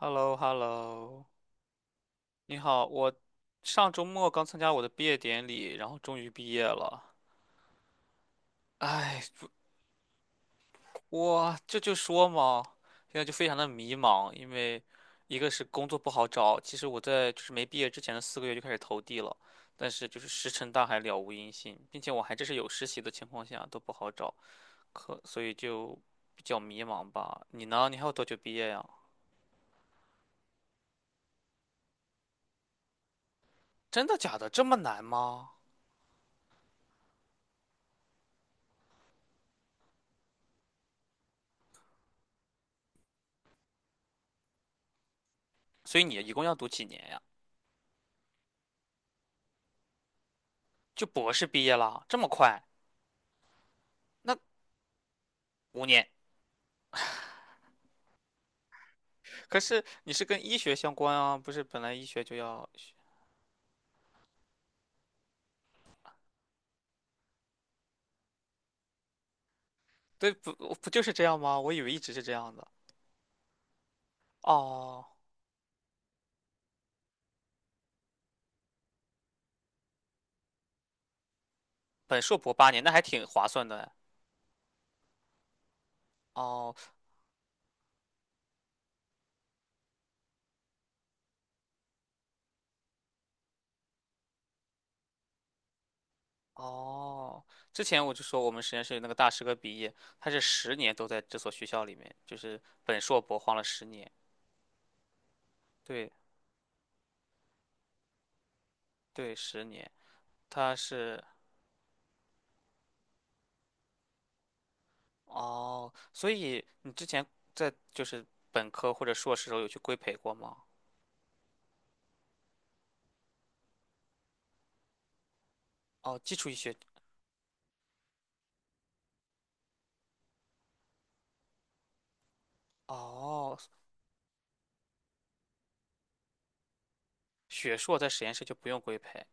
h e l l o h e l l o 你好，我上周末刚参加我的毕业典礼，然后终于毕业了。哎，不我这就说嘛，现在就非常的迷茫，因为一个是工作不好找，其实我在就是没毕业之前的四个月就开始投递了，但是就是石沉大海，了无音信，并且我还这是有实习的情况下都不好找，所以就比较迷茫吧。你呢？你还有多久毕业呀？真的假的？这么难吗？所以你一共要读几年呀？就博士毕业了，这么快？那五年？可是你是跟医学相关啊，不是本来医学就要学？对，不就是这样吗？我以为一直是这样的。哦，本硕博八年，那还挺划算的哎。哦哦，之前我就说我们实验室有那个大师哥毕业，他是十年都在这所学校里面，就是本硕博晃了十年。对对，十年，他是哦，所以你之前在就是本科或者硕士时候有去规培过吗？哦，基础医学。哦，学硕在实验室就不用规培。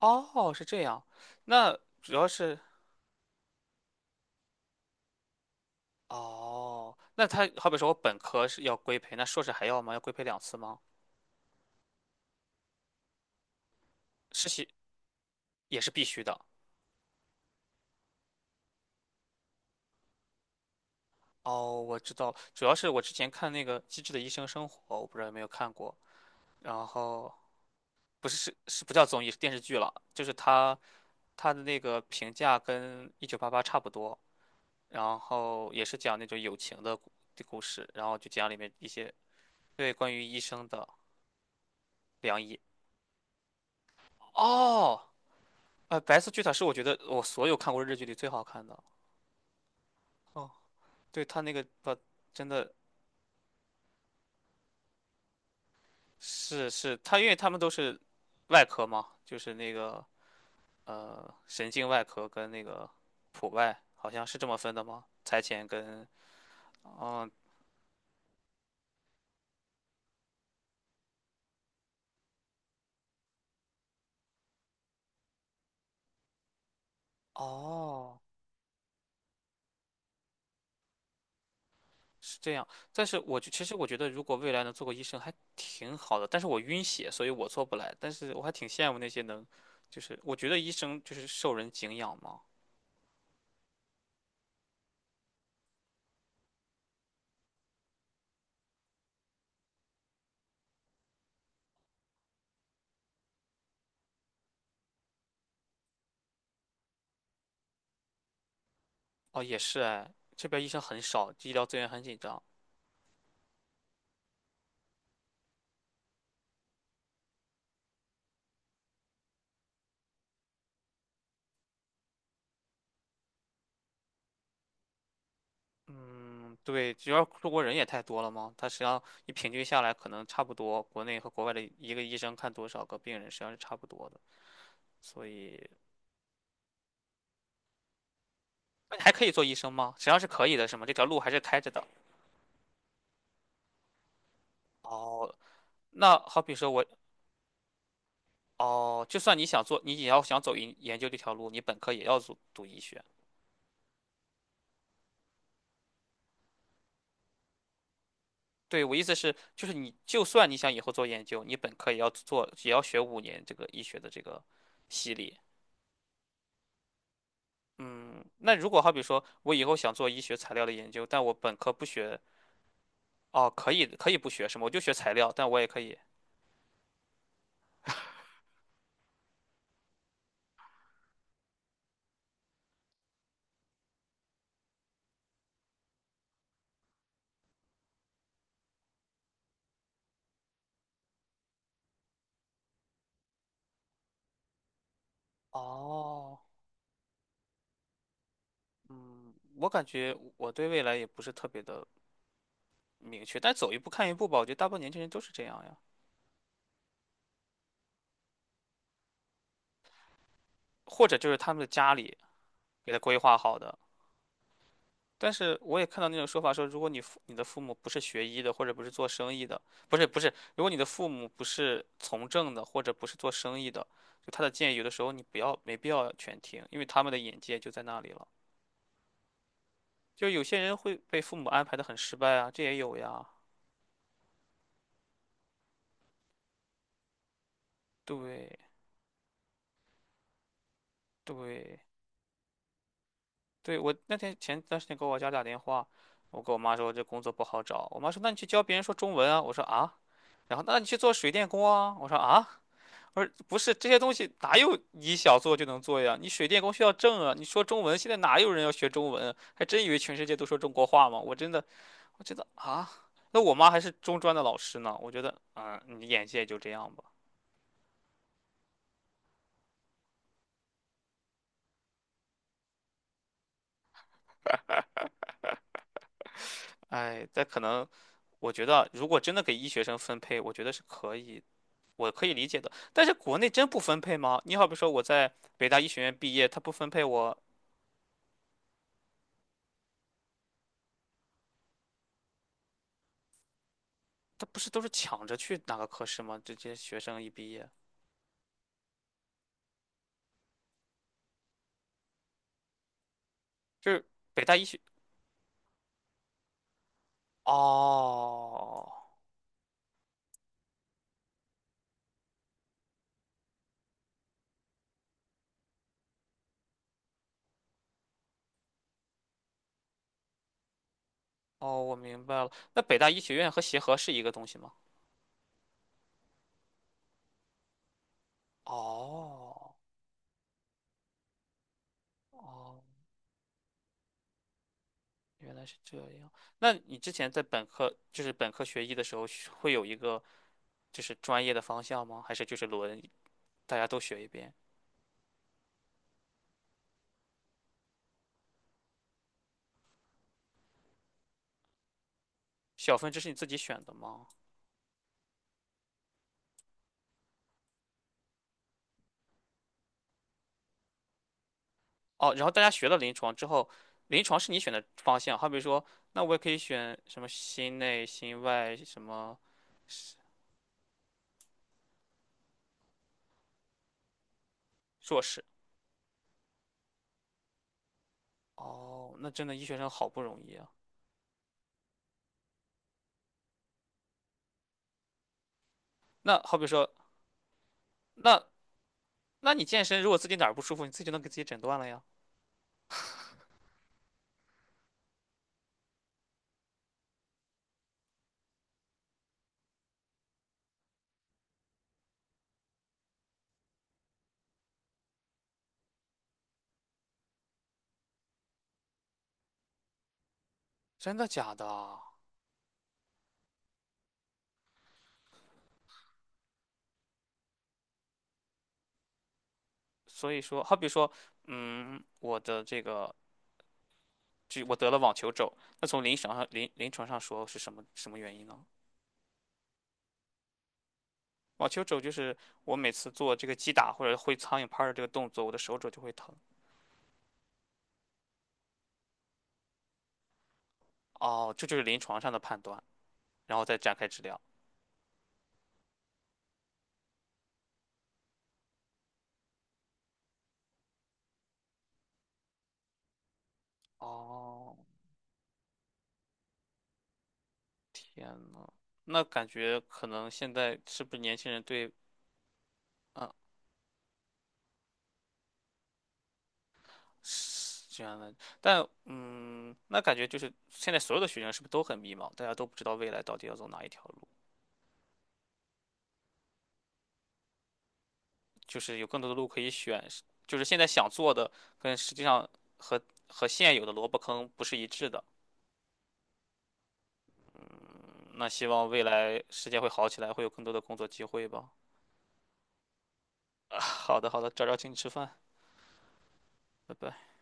哦，是这样。那主要是哦，那他好比说我本科是要规培，那硕士还要吗？要规培两次吗？实习也是必须的。哦，我知道，主要是我之前看那个《机智的医生生活》，我不知道有没有看过。然后不是是不叫综艺，是电视剧了，就是他他的那个评价跟《一九八八》差不多，然后也是讲那种友情的故事，然后就讲里面一些对，关于医生的良医。哦，呃，白色巨塔是我觉得我所有看过日剧里最好看的。哦，对，他那个把真的是他，因为他们都是外科嘛，就是那个神经外科跟那个普外，好像是这么分的吗？财前跟嗯哦是这样，但是我就其实我觉得，如果未来能做个医生还挺好的，但是我晕血，所以我做不来。但是我还挺羡慕那些能，就是我觉得医生就是受人敬仰嘛。哦，也是哎，这边医生很少，医疗资源很紧张。嗯，对，主要中国人也太多了嘛，他实际上你平均下来，可能差不多，国内和国外的一个医生看多少个病人，实际上是差不多的。所以，那你还可以做医生吗？实际上是可以的，是吗？这条路还是开着的。哦，那好比说我。哦，就算你想做，你也要想走研究这条路，你本科也要读读医学。对，我意思是，就是你就算你想以后做研究，你本科也要做，也要学五年这个医学的这个系列。嗯，那如果好比说我以后想做医学材料的研究，但我本科不学，哦，可以可以不学什么，我就学材料，但我也可以。哦，嗯，我感觉我对未来也不是特别的明确，但走一步看一步吧。我觉得大部分年轻人都是这样呀，或者就是他们的家里给他规划好的。但是我也看到那种说法说，如果你的父母不是学医的，或者不是做生意的，不是不是，如果你的父母不是从政的，或者不是做生意的，就他的建议有的时候你不要没必要全听，因为他们的眼界就在那里了。就有些人会被父母安排的很失败啊，这也有呀。对对对，我那天前段时间给我家打电话，我跟我妈说这工作不好找，我妈说那你去教别人说中文啊，我说啊，然后那你去做水电工啊，我说啊。而不是这些东西哪有你想做就能做呀？你水电工需要证啊！你说中文，现在哪有人要学中文？还真以为全世界都说中国话吗？我真的，我觉得啊，那我妈还是中专的老师呢。我觉得，嗯，你眼界就这样吧。哎，但可能，我觉得啊如果真的给医学生分配，我觉得是可以，我可以理解的。但是国内真不分配吗？你好比说我在北大医学院毕业，他不分配我，他不是都是抢着去哪个科室吗？这这些学生一毕业，就是北大医学。哦哦，我明白了。那北大医学院和协和是一个东西吗？哦哦，原来是这样。那你之前在本科，就是本科学医的时候，学会有一个就是专业的方向吗？还是就是轮大家都学一遍？小分支是你自己选的吗？哦，然后大家学了临床之后，临床是你选的方向。好比说，那我也可以选什么心内、心外什么硕士。哦，那真的医学生好不容易啊。那好比说，那那你健身，如果自己哪儿不舒服，你自己就能给自己诊断了呀？真的假的？所以说，好比说，嗯，我的这个，就我得了网球肘，那从临床上临床上说是什么什么原因呢？网球肘就是我每次做这个击打或者挥苍蝇拍儿的这个动作，我的手肘就会疼。哦，这就是临床上的判断，然后再展开治疗。哦，天呐，那感觉可能现在是不是年轻人对，嗯是这样的，但嗯，那感觉就是现在所有的学生是不是都很迷茫？大家都不知道未来到底要走哪一条路，就是有更多的路可以选，是就是现在想做的跟实际上和和现有的萝卜坑不是一致的。嗯那希望未来世界会好起来，会有更多的工作机会吧。啊，好的好的，找请你吃饭，拜拜。